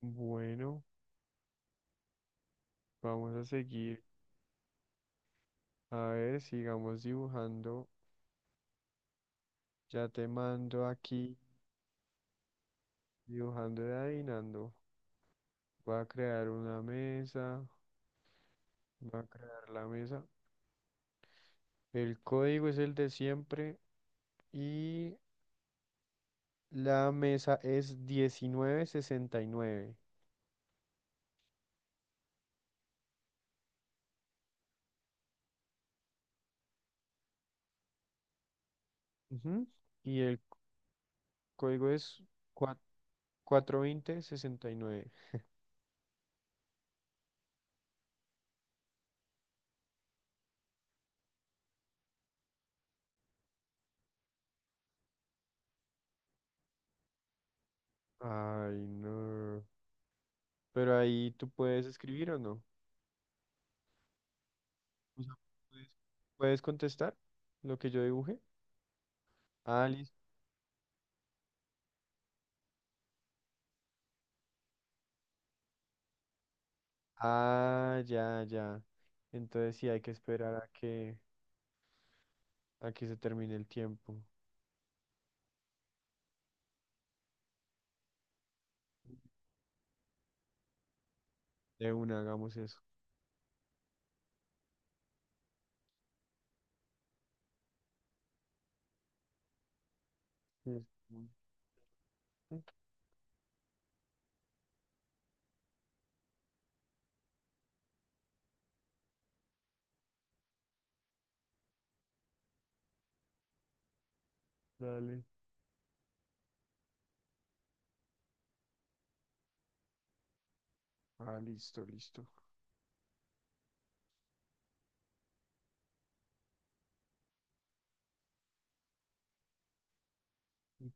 Bueno, vamos a seguir. A ver, sigamos dibujando. Ya te mando aquí, dibujando y adivinando. Voy a crear una mesa. Voy a crear la mesa. El código es el de siempre y la mesa es 1969. Ujú. Y el código es cua- 420 69. Ay, no. Pero ahí tú puedes escribir o no. O sea, ¿puedes, puedes contestar lo que yo dibuje? Ah, listo. Ah, ya, ya. Entonces sí hay que esperar a que se termine el tiempo. De una, hagamos eso. Sí. Dale. Ah, listo, listo.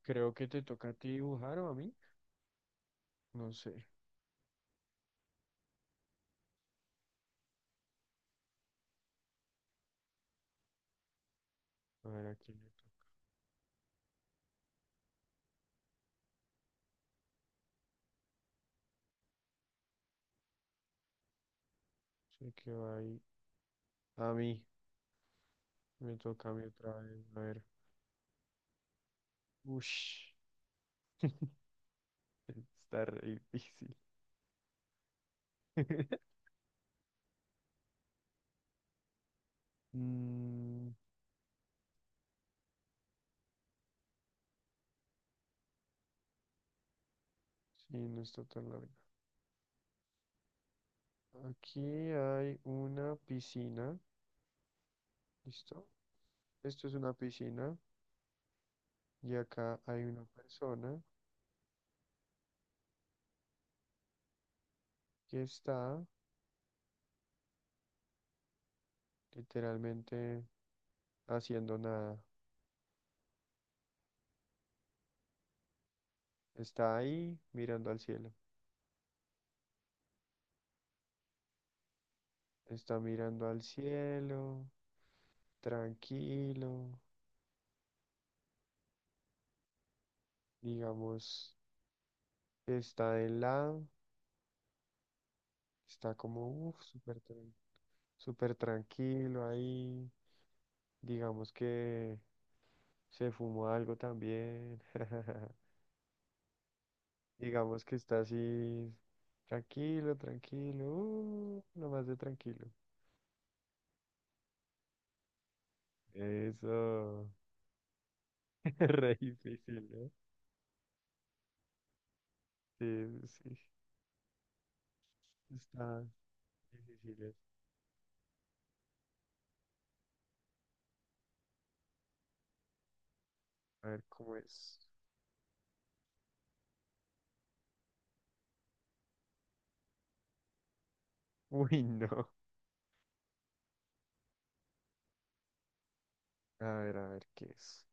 Creo que te toca a ti dibujar o a mí. No sé. A ver, aquí quién toca. Sé que va ahí. A mí. Me toca a mí otra vez. A ver. Ush. Está re difícil. Mm, sí, no está tan largo. Aquí hay una piscina, ¿listo? Esto es una piscina y acá hay una persona que está literalmente haciendo nada. Está ahí mirando al cielo. Está mirando al cielo, tranquilo, digamos, está de lado, está como, uff, súper tranquilo ahí. Digamos que se fumó algo también. Digamos que está así, tranquilo, tranquilo, nomás de tranquilo. Eso, re difícil, ¿no? Sí, sí, está difícil. A ver cómo es. Uy, no. A ver qué es.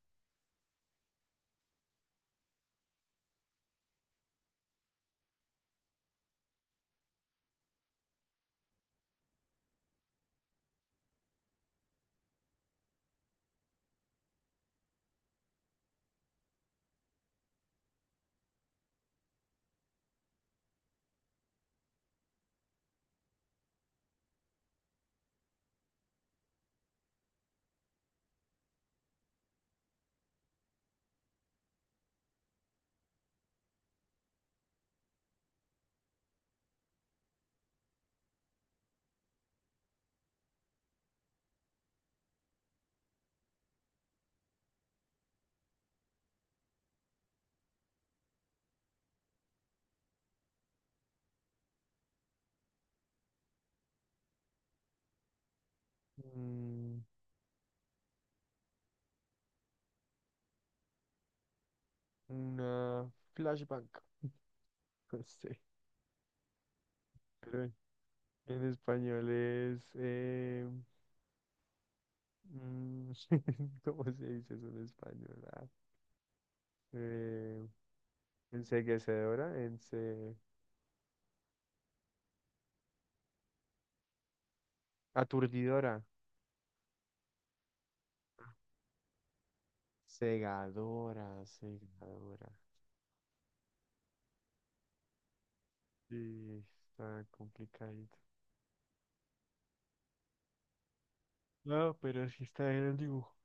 Mm, una flashbank, no sé. Pero en español es. Mm, ¿cómo se dice eso en español? Eh, enceguecedora, ence. Aturdidora. Cegadora, cegadora. Sí, está complicadito. No, pero sí está en el dibujo.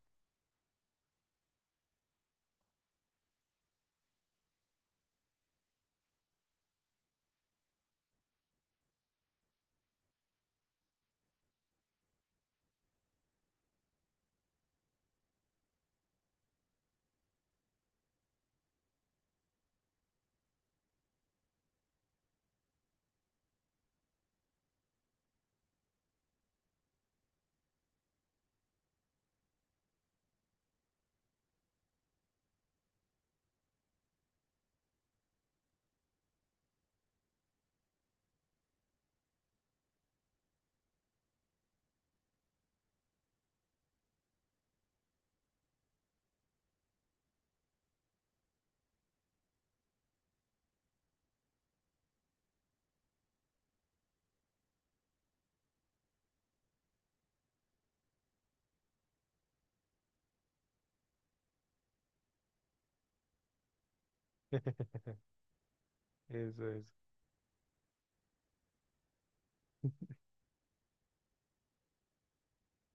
Eso es.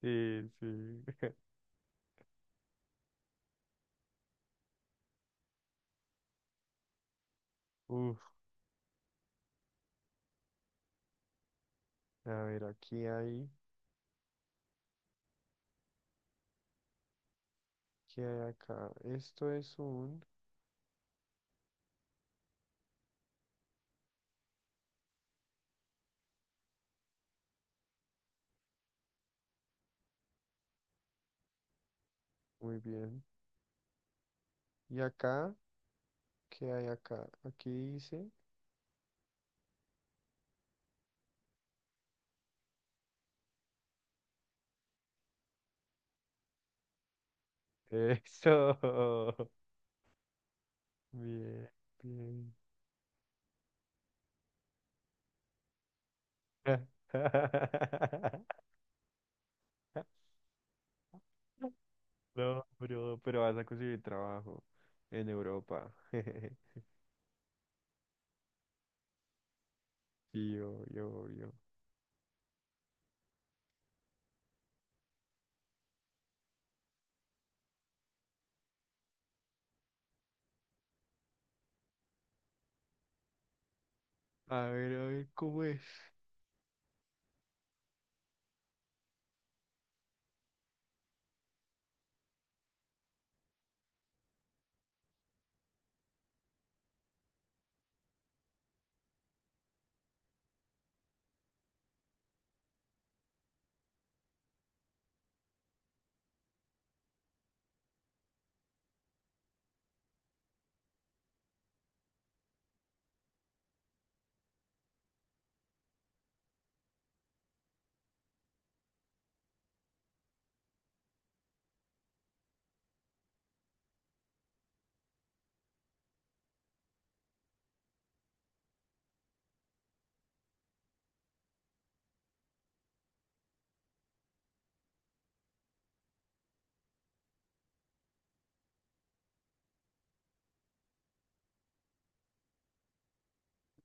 Sí, sí. Uf, a ver, aquí hay, ¿qué hay acá? Esto es un, muy bien. ¿Y acá? ¿Qué hay acá? Aquí dice. Eso. Bien, bien. No, bro, pero vas a conseguir trabajo en Europa. Sí, yo, yo, yo. A ver, ¿cómo es?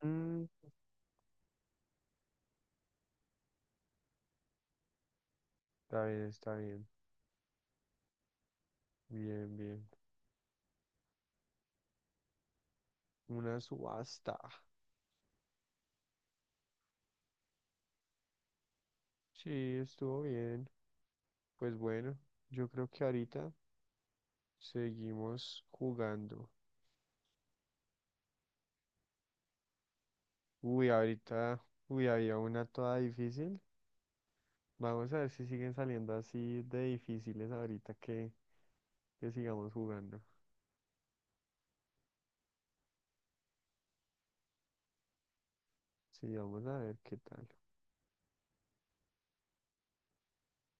Mm, está bien, está bien. Bien, bien. Una subasta. Sí, estuvo bien. Pues bueno, yo creo que ahorita seguimos jugando. Uy, ahorita, uy, había una toda difícil. Vamos a ver si siguen saliendo así de difíciles ahorita que sigamos jugando. Sí, vamos a ver qué tal.